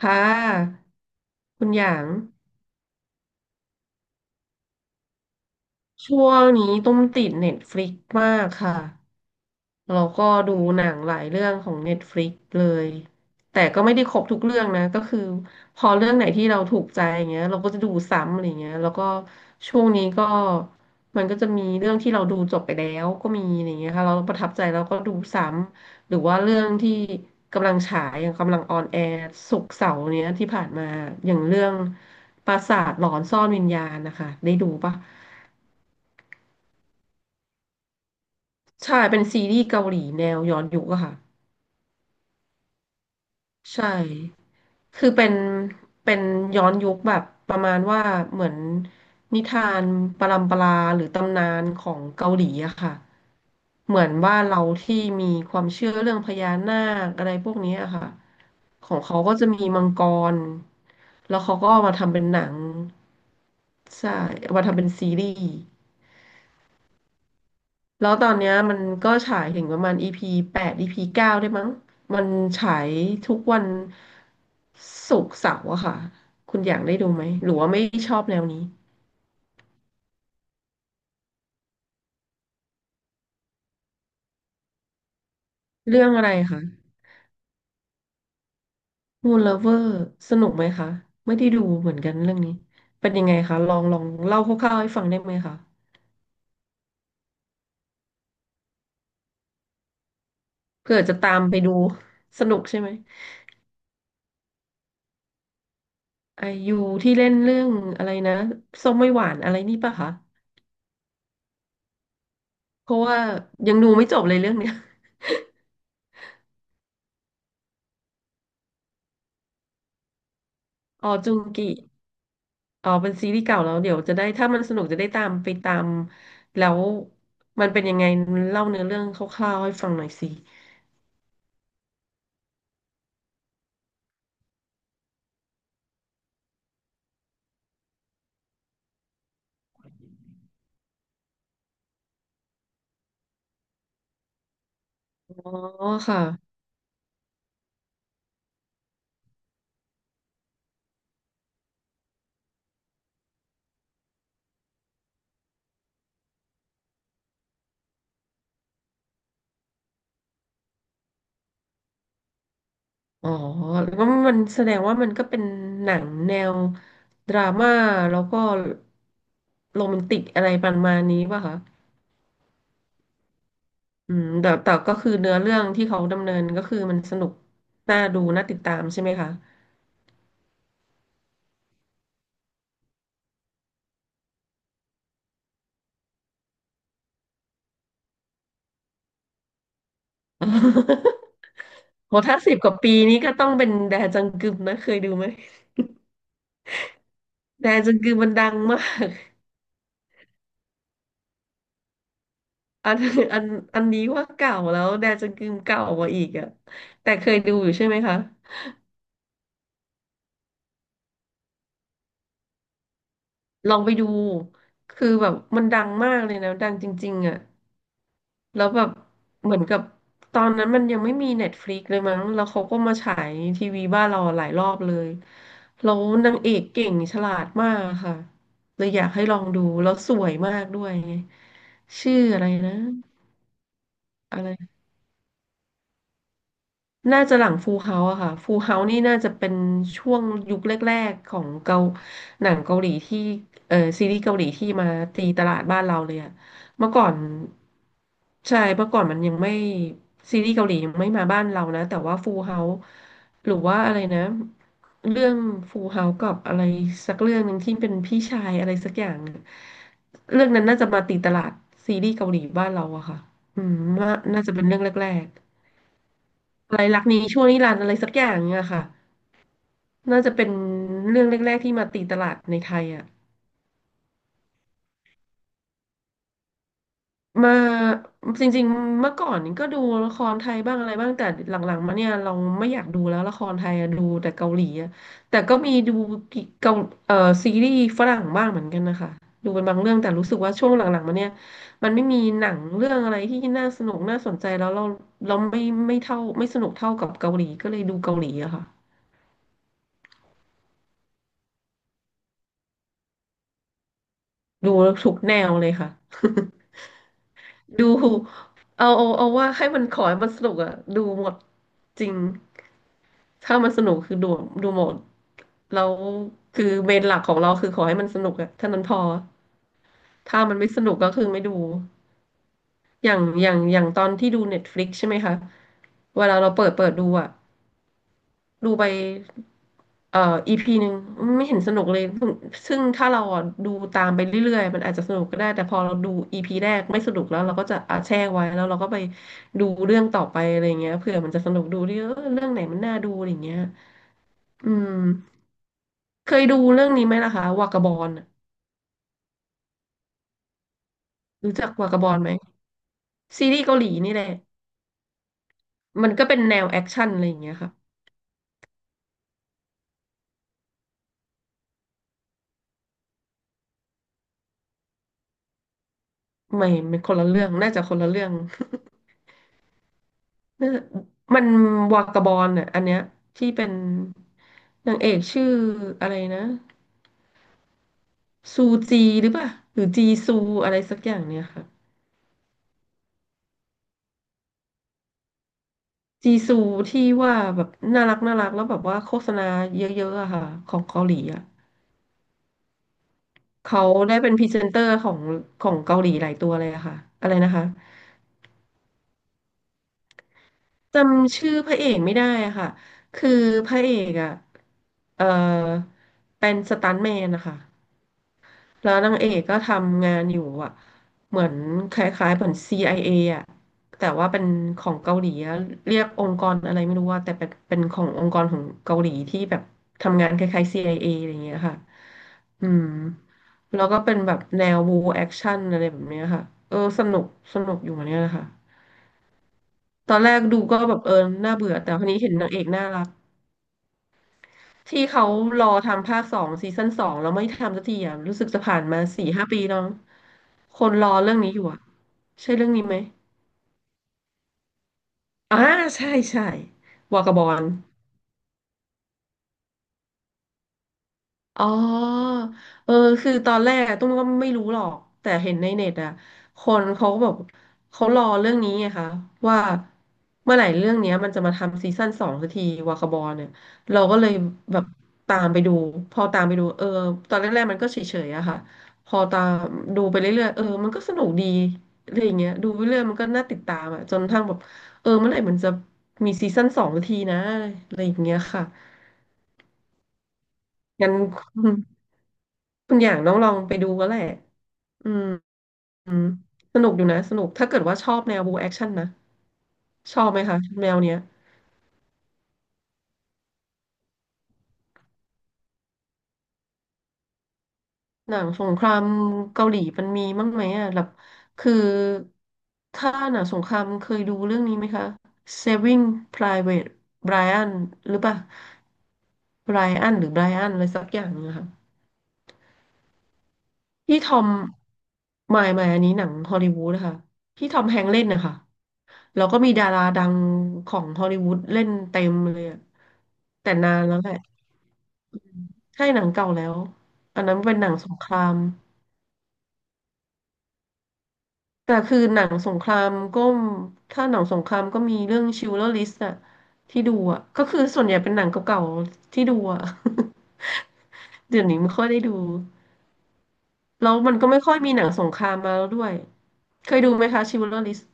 ค่ะคุณหยางช่วงนี้ตุ้มติดเน็ตฟลิกมากค่ะ เราก็ดูหนังหลายเรื่องของ Netflix เลยแต่ก็ไม่ได้ครบทุกเรื่องนะก็คือพอเรื่องไหนที่เราถูกใจอย่างเงี้ยเราก็จะดูซ้ำอะไรเงี้ยแล้วก็ช่วงนี้ก็มันก็จะมีเรื่องที่เราดูจบไปแล้วก็มีอะไรเงี้ยค่ะเราประทับใจเราก็ดูซ้ำหรือว่าเรื่องที่กำลังฉายอย่างกำลังออนแอร์ศุกร์เสาร์เนี้ยที่ผ่านมาอย่างเรื่องปราสาทหลอนซ่อนวิญญาณนะคะได้ดูปะใช่เป็นซีรีส์เกาหลีแนวย้อนยุคอะค่ะ ใช่ คือเป็น เป็นย้อนยุคแบบประมาณว่าเหมือนนิทานปรัมปราหรือตำนานของเกาหลีอะค่ะ เหมือนว่าเราที่มีความเชื่อเรื่องพญานาคอะไรพวกนี้อะค่ะ ของเขาก็จะมีมังกร แล้วเขาก็เอามาทำเป็นหนังใช่เอามาทำเป็นซีรีส์ แล้วตอนเนี้ยมันก็ฉายถึงประมาณ EP แปด EP เก้าได้มั้งมันฉายทุกวันศุกร์เสาร์อะค่ะ คุณอยากได้ดูไหม หรือว่าไม่ชอบแนวนี้เรื่องอะไรคะ Moon Lover สนุกไหมคะไม่ได้ดูเหมือนกันเรื่องนี้เป็นยังไงคะลองเล่าคร่าวๆให้ฟังได้ไหมคะเผื่อจะตามไปดูสนุกใช่ไหมไอยูที่เล่นเรื่องอะไรนะส้มไม่หวานอะไรนี่ปะคะเพราะว่ายังดูไม่จบเลยเรื่องเนี้ย ออจุงกิ อ๋อเป็นซีรีส์เก่าแล้วเดี๋ยวจะได้ถ้ามันสนุกจะได้ตามไปตามแล้วมันเป็นยังไงเล่าเนื้อเรื่องคร่าวๆให้ฟังหน่อยสิอ๋อค่ะอ๋อแล้วก็มันแสดงว่ามันก็เป็นหนังแนวดราม่าแล้วก็โรแมนติกอะไรประมาณนี้ป่ะคะอืมแต่ก็คือเนื้อเรื่องที่เขาดำเนินก็คือมันสนุกน่าดูน่าติดตามใช่ไหมคะ โหถ้าสิบกว่าปีนี้ก็ต้องเป็นแดจังกึมนะเคยดูไหม แดจังกึมมันดังมาก อันอันอันนี้ว่าเก่าแล้วแดจังกึมเก่ากว่าอีกอะแต่เคยดูอยู่ใช่ไหมคะลองไปดูคือแบบมันดังมากเลยนะดังจริงๆอะแล้วแบบเหมือนกับตอนนั้นมันยังไม่มีเน็ตฟลิกเลยมั้งแล้วเขาก็มาฉายทีวีบ้านเราหลายรอบเลยแล้วนางเอกเก่งฉลาดมากค่ะเลยอยากให้ลองดูแล้วสวยมากด้วยไงชื่ออะไรนะอะไร น่าจะหลังฟูลเฮาส์อะค่ะฟูลเฮาส์นี่น่าจะเป็นช่วงยุคแรกๆของเกาหนังเกาหลีที่เออซีรีส์เกาหลีที่มาตีตลาดบ้านเราเลยอะเมื่อก่อนใช่เมื่อก่อนมันยังไม่ซีรีส์เกาหลียังไม่มาบ้านเรานะแต่ว่าฟูลเฮาส์หรือว่าอะไรนะเรื่องฟูลเฮาส์กับอะไรสักเรื่องหนึ่งที่เป็นพี่ชายอะไรสักอย่างอะเรื่องนั้นน่าจะมาตีตลาดซีรีส์เกาหลีบ้านเราอะค่ะอืมว่าน่าจะเป็นเรื่องแรก อะไรรักนี้ชั่วนิรันดร์อะไรสักอย่างเนี่ยค่ะน่าจะเป็นเรื่องแรกๆที่มาตีตลาดในไทยอ่ะมาจริงๆเมื่อก่อนก็ดูละครไทยบ้างอะไรบ้างแต่หลังๆมาเนี่ยเราไม่อยากดูแล้วละครไทยอะดูแต่เกาหลีอะแต่ก็มีดูเกาเอ่อซีรีส์ฝรั่งบ้างเหมือนกันนะคะดูเป็นบางเรื่องแต่รู้สึกว่าช่วงหลังๆมาเนี่ยมันไม่มีหนังเรื่องอะไรที่น่าสนุกน่าสนใจแล้วเราเราไม่ไม่เท่าไม่สนุกเท่ากับเกาหลีก็เลยดูเกาหลีอะค่ะดูทุกแนวเลยค่ะ ดูเอาว่าให้มันขอให้มันสนุกอะดูหมดจริงถ้ามันสนุกคือดูหมดแล้วคือเมนหลักของเราคือขอให้มันสนุกอะเท่านั้นพอถ้ามันไม่สนุกก็คือไม่ดูอย่างตอนที่ดูเน็ตฟลิกใช่ไหมคะเวลาเราเปิดดูอะ ดูไปเอ่ออีพีหนึ่งไม่เห็นสนุกเลยซึ่งถ้าเราอ่ะดูตามไปเรื่อยๆมันอาจจะสนุกก็ได้แต่พอเราดูอีพีแรกไม่สนุกแล้วเราก็จะอาแช่ไว้แล้วเราก็ไปดูเรื่องต่อไปอะไรเงี้ยเผื่อมันจะสนุกดูดิเออเรื่องไหนมันน่าดูอะไรเงี้ยอืมเคยดูเรื่องนี้ไหมล่ะคะวากาบอลรู้จักวากาบอลไหมซีรีส์เกาหลีนี่แหละมันก็เป็นแนวแอคชั่นอะไรอย่างเงี้ยค่ะไม่มันคนละเรื่องน่าจะคนละเรื่อง เออมันวากาบอลอ่ะอันเนี้ยที่เป็นนางเอกชื่ออะไรนะซูจีหรือเปล่าหรือจีซูอะไรสักอย่างเนี่ยค่ะจีซูที่ว่าแบบน่ารักน่ารักแล้วแบบว่าโฆษณาเยอะๆอะค่ะของเกาหลีอะเขาได้เป็นพรีเซนเตอร์ของของเกาหลีหลายตัวเลยอะค่ะอะไรนะคะจำชื่อพระเอกไม่ได้อะค่ะคือพระเอกอะเออเป็นสตันท์แมนนะคะ แล้วนางเอกก็ทำงานอยู่อ่ะเหมือนคล้ายๆเหมือน CIA อเออ่ะแต่ว่าเป็นของเกาหลีอะเรียกองค์กรอะไรไม่รู้ว่าแต่เป็นขององค์กรของเกาหลีที่แบบทำงานคล้ายๆ CIA อเออะไรอย่างเงี้ยค่ะอืมแล้วก็เป็นแบบแนวบูแอคชั่นอะไรแบบเนี้ยค่ะสนุกสนุกอยู่เหมือนกันนะคะตอนแรกดูก็แบบเออน่าเบื่อแต่คนนี้เห็นนางเอกน่ารัก ที่เขารอทำภาคสองซีซั่นสองแล้วไม่ทำสักทีอ่ะรู้สึกจะผ่านมาสี่ห้าปีแล้วคนรอเรื่องนี้อยู่อ่ะใช่เรื่องนี้ไหมอ่าใช่ใช่วากาบอล อ๋อเออคือตอนแรกอะตุ้มก็ไม่รู้หรอกแต่เห็นในเน็ตอะคนเขาก็บอกเขารอเรื่องนี้ไงคะว่าเมื่อไหร่เรื่องเนี้ยมันจะมาทำซีซั่นสองสักทีวาคาบอลเนี่ยเราก็เลยแบบตามไปดูพอตามไปดูตอนแรกๆมันก็เฉยๆอะค่ะพอตามดูไปเรื่อยๆเออมันก็สนุกดีอะไรอย่างเงี้ยดูไปเรื่อยมันก็น่าติดตามอะจนกระทั่งแบบเออเมื่อไหร่มันจะมีซีซั่นสองสักทีนะอะไรอย่างเงี้ยค่ะงั้น คุณอย่างน้องลองไปดูก็แหละอืมอืมสนุกอยู่นะสนุกถ้าเกิดว่าชอบแนวบูแอคชั่นนะ ชอบไหมคะแนวเนี้ยหนังสงครามเกาหลีมันมีมั้างไหมอ่ะแบบคือถ้าหนังสงครามเคยดูเรื่องนี้ไหมคะ Saving Private Ryan หรือเปล่า Ryan หรือ Brian อะไรสักอย่างนะคะ พี่ทอมหมายหมายอันนี้หนังฮอลลีวูดนะคะพี่ทอมแฮงค์เล่นนะคะแล้วก็มีดาราดังของฮอลลีวูดเล่นเต็มเลยอะแต่นานแล้วแหละใช่หนังเก่าแล้ว อันนั้นเป็นหนังสงคราม แต่คือหนังสงครามก็มถ้าหนังสงครามก็มีเรื่องชิลเลอร์ลิสต์อะที่ดูอะก็คือส่วนใหญ่เป็นหนังเก่าๆที่ดูอะ เดี๋ยวนี้ไม่ค่อยได้ดูแล้วมันก็ไม่ค่อยมีหนังสงครามมาแล้วด้วยเคยดูไหมคะชิลเลอร์ลิสต์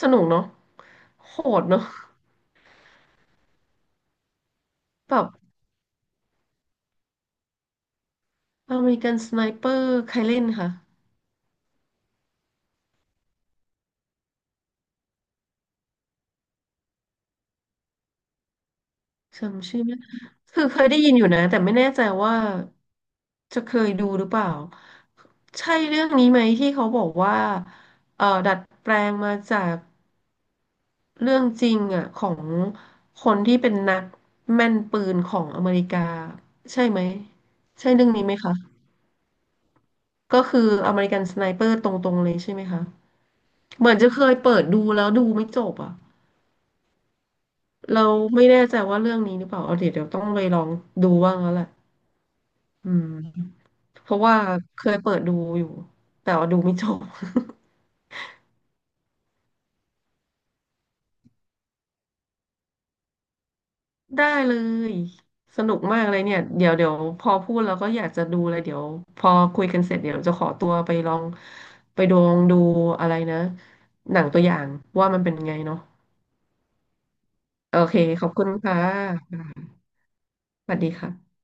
สนุกเนาะ โหดเนาะแบบอเมริกันสไนเปอร์ใครเล่นค่ะจำชื่อไม่คือเคยได้ยินอยู่นะแต่ไม่แน่ใจว่าจะเคยดูหรือเปล่าใช่เรื่องนี้ไหมที่เขาบอกว่าดัดแปลงมาจากเรื่องจริงอ่ะของคนที่เป็นนักแม่นปืนของอเมริกาใช่ไหมใช่เรื่องนี้ไหมคะก็คืออเมริกันสไนเปอร์ตรงๆเลยใช่ไหมคะเหมือนจะเคยเปิดดูแล้วดูไม่จบอ่ะ เราไม่แน่ใจว่าเรื่องนี้หรือเปล่าเอาเดี๋ยวเดี๋ยวต้องไปลองดูบ้างแล้วแหละอืมเพราะว่าเคยเปิดดูอยู่แต่ว่าดูไม่จบ ได้เลยสนุกมากเลยเนี่ยเดี๋ยวเดี๋ยวพอพูดแล้วก็อยากจะดูเลยเดี๋ยวพอคุยกันเสร็จเดี๋ยวจะขอตัวไปลองไปดองดูอะไรนะหนังตัวอย่างว่ามันเป็นไงเนาะโอเคขอบคุณค่ะสวัสดีค่ะ